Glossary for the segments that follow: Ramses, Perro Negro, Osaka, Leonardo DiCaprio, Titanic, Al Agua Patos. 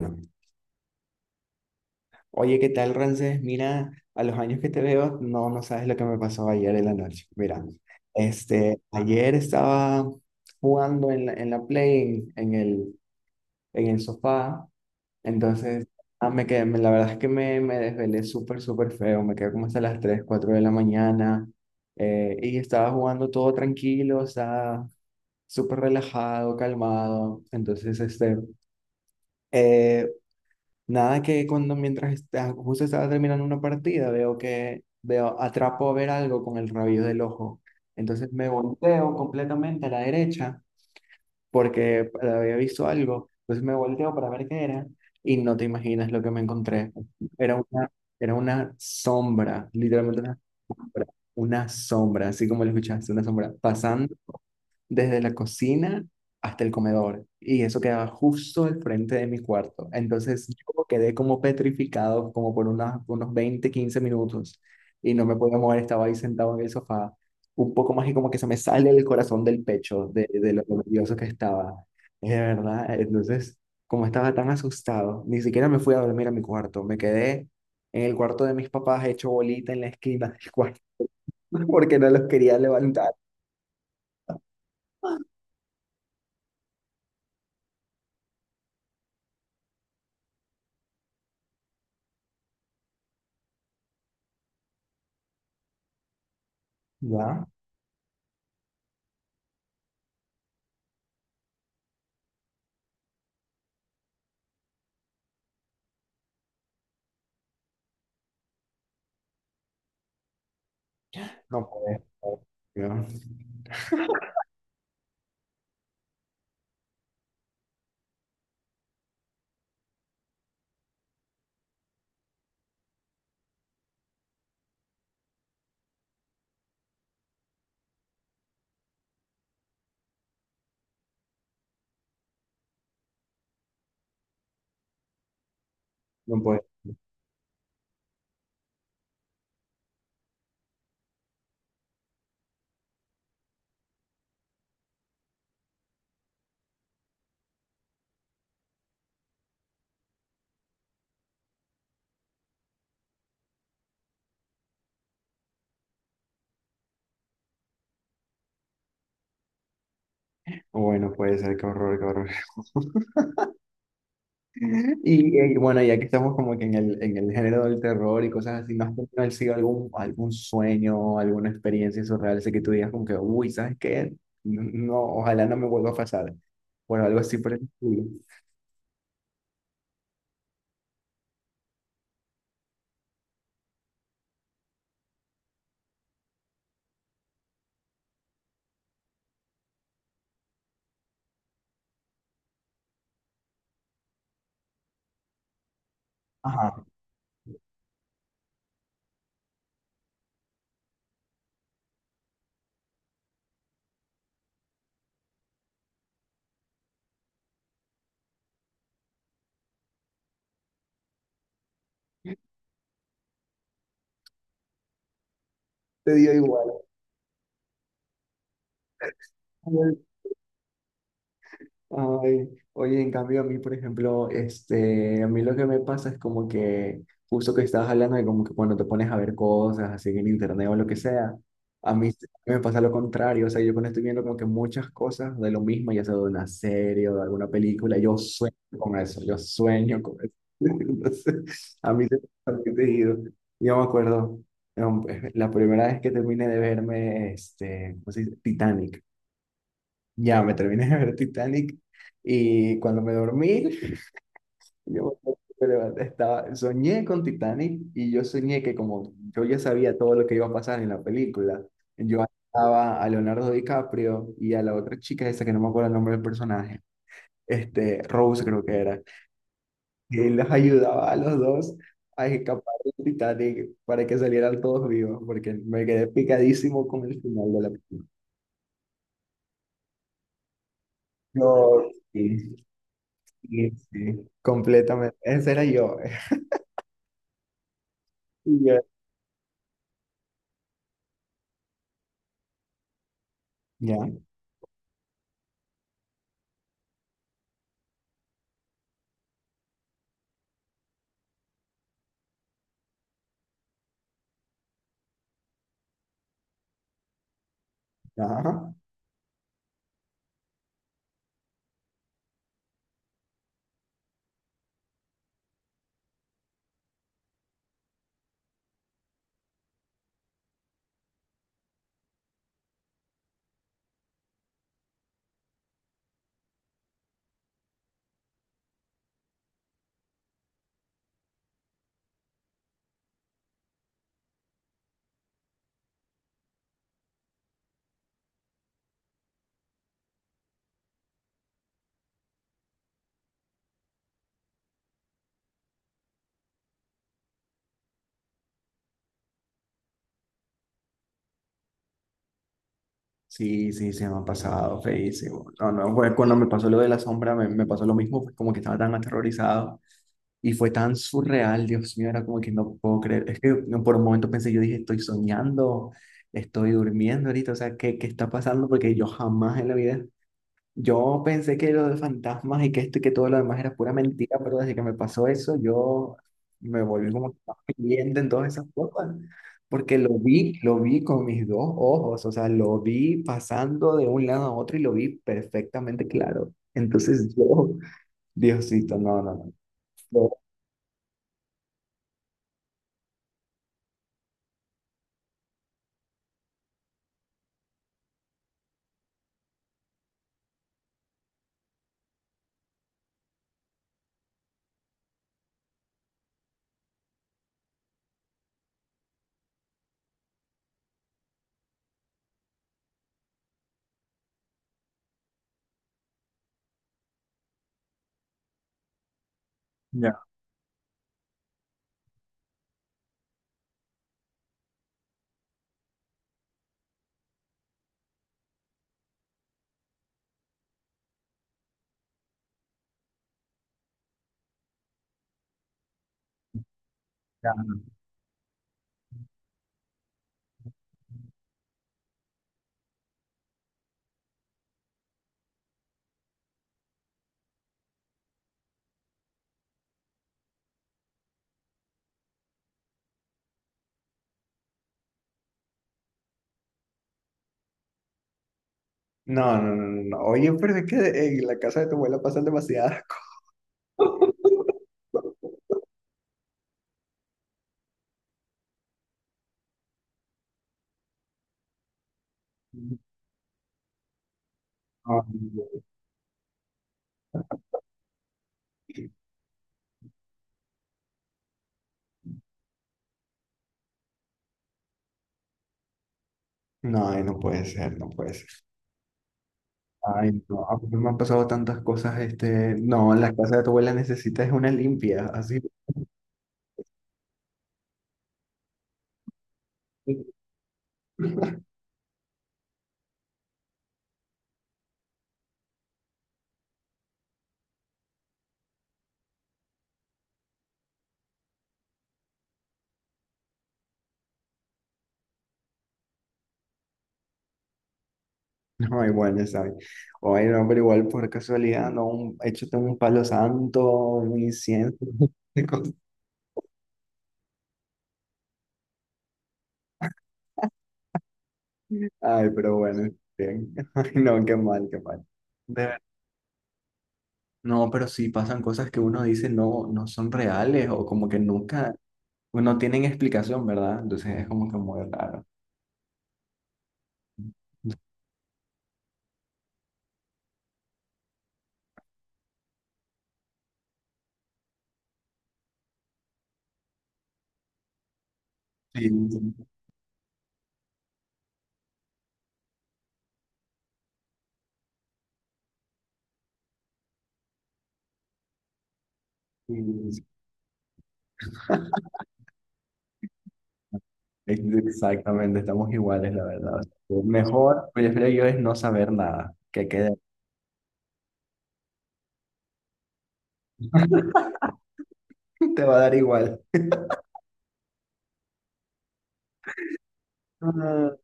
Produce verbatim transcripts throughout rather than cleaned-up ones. No. Oye, ¿qué tal, Ramses? Mira, a los años que te veo, no, no sabes lo que me pasó ayer en la noche. Mira, este, ayer estaba jugando en la, en la Play, en, en el, en el sofá. Entonces ah, me quedé, me- la verdad es que me, me desvelé súper, súper feo. Me quedé como hasta las tres, cuatro de la mañana, eh, y estaba jugando todo tranquilo, o sea, súper relajado, calmado. Entonces este... Eh, nada que cuando mientras está- justo estaba terminando una partida, veo que veo, atrapo a ver algo con el rabillo del ojo. Entonces me volteo completamente a la derecha porque había visto algo. Entonces me volteo para ver qué era y no te imaginas lo que me encontré. Era una, era una sombra, literalmente una sombra, una sombra, así como lo escuchaste, una sombra pasando desde la cocina hasta el comedor, y eso quedaba justo al frente de mi cuarto. Entonces yo quedé como petrificado como por unas- unos veinte quince minutos, y no me podía mover, estaba ahí sentado en el sofá. Un poco más y como que se me sale el corazón del pecho, de, de lo nervioso que estaba. Es de verdad. Entonces como estaba tan asustado, ni siquiera me fui a dormir a mi cuarto, me quedé en el cuarto de mis papás hecho bolita en la esquina del cuarto porque no los quería levantar. ¿Ya? No puede ser, No, no puede. Bueno, puede ser, qué horror, qué horror. Y, eh, bueno, ya que estamos como que en el, en el género del terror y cosas así, ¿no has tenido así algún, algún sueño, alguna experiencia surreal, así que tú digas como que, uy, ¿sabes qué? No, no, ojalá no me vuelva a pasar. Bueno, algo así por el estilo. Ajá. Te dio igual. Ay, oye, en cambio a mí, por ejemplo, este, a mí lo que me pasa es como que justo que estabas hablando de como que cuando te pones a ver cosas así en internet o lo que sea, a mí s- me pasa lo contrario, o sea, yo cuando estoy viendo como que muchas cosas de lo mismo, ya sea de una serie o de alguna película, yo sueño con eso, yo sueño con eso. Entonces, a mí se me ha digo, yo me acuerdo, em, la primera vez que terminé de verme, este, ¿cómo se dice? Titanic. Ya, me terminé de ver Titanic y cuando me dormí, yo me levanté, estaba, soñé con Titanic, y yo soñé que como yo ya sabía todo lo que iba a pasar en la película, yo estaba a Leonardo DiCaprio y a la otra chica esa que no me acuerdo el nombre del personaje, este, Rose creo que era, y los ayudaba a los dos a escapar del Titanic para que salieran todos vivos, porque me quedé picadísimo con el final de la película. Yo, sí. Sí, sí, completamente. Ese era yo. Y yo, ya, ajá. Sí, sí, se me ha pasado feísimo. No, no, fue cuando me pasó lo de la sombra, me, me pasó lo mismo, fue como que estaba tan aterrorizado y fue tan surreal, Dios mío, era como que no puedo creer. Es que no, por un momento pensé, yo dije, estoy soñando, estoy durmiendo ahorita, o sea, ¿qué, qué está pasando? Porque yo jamás en la vida, yo pensé que lo de fantasmas y que esto y que todo lo demás era pura mentira, pero desde que me pasó eso, yo me volví como que más creyente en todas esas cosas, porque lo vi, lo vi con mis dos ojos, o sea, lo vi pasando de un lado a otro y lo vi perfectamente claro. Entonces yo, Diosito, no, no, no. yo- ya, ya, no, no, no, no, no, no. Oye, pero es que en la casa de tu abuela pasan demasiadas cosas. No, no, no puede ser, no puede ser. Ay, no, a mí me han pasado tantas cosas, este, no, la casa de tu abuela necesita es una limpia, así. No hay buena, ¿sabes? Oye, no, pero igual por casualidad, no, un, échate un palo santo, un incienso, de cosas. Ay, pero bueno, bien. Ay, no, qué mal, qué mal. De ver- No, pero sí pasan cosas que uno dice no, no son reales, o como que nunca, no tienen explicación, ¿verdad? Entonces es como que muy raro. Sí, sí. Exactamente, estamos iguales, la verdad. O mejor, prefiero yo es no saber nada, que quede. Te va a dar igual. Ah,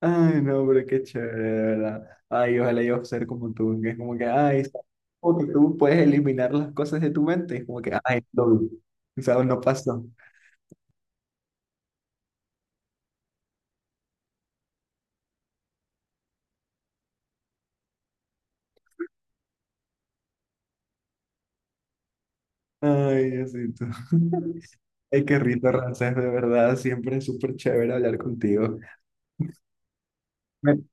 ay, no, pero qué chévere, de verdad. Ay, ojalá yo ser como tú, que es como que, ay, como que tú puedes eliminar las cosas de tu mente, es como que, ay, no, ¿sabes? No pasó. Ay, Diosito. Ay, qué rito, Ramsés, de verdad, siempre es súper chévere hablar contigo. Me-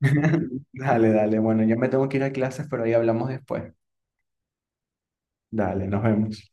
Dale, dale, bueno, yo me tengo que ir a clases, pero ahí hablamos después. Dale, nos vemos.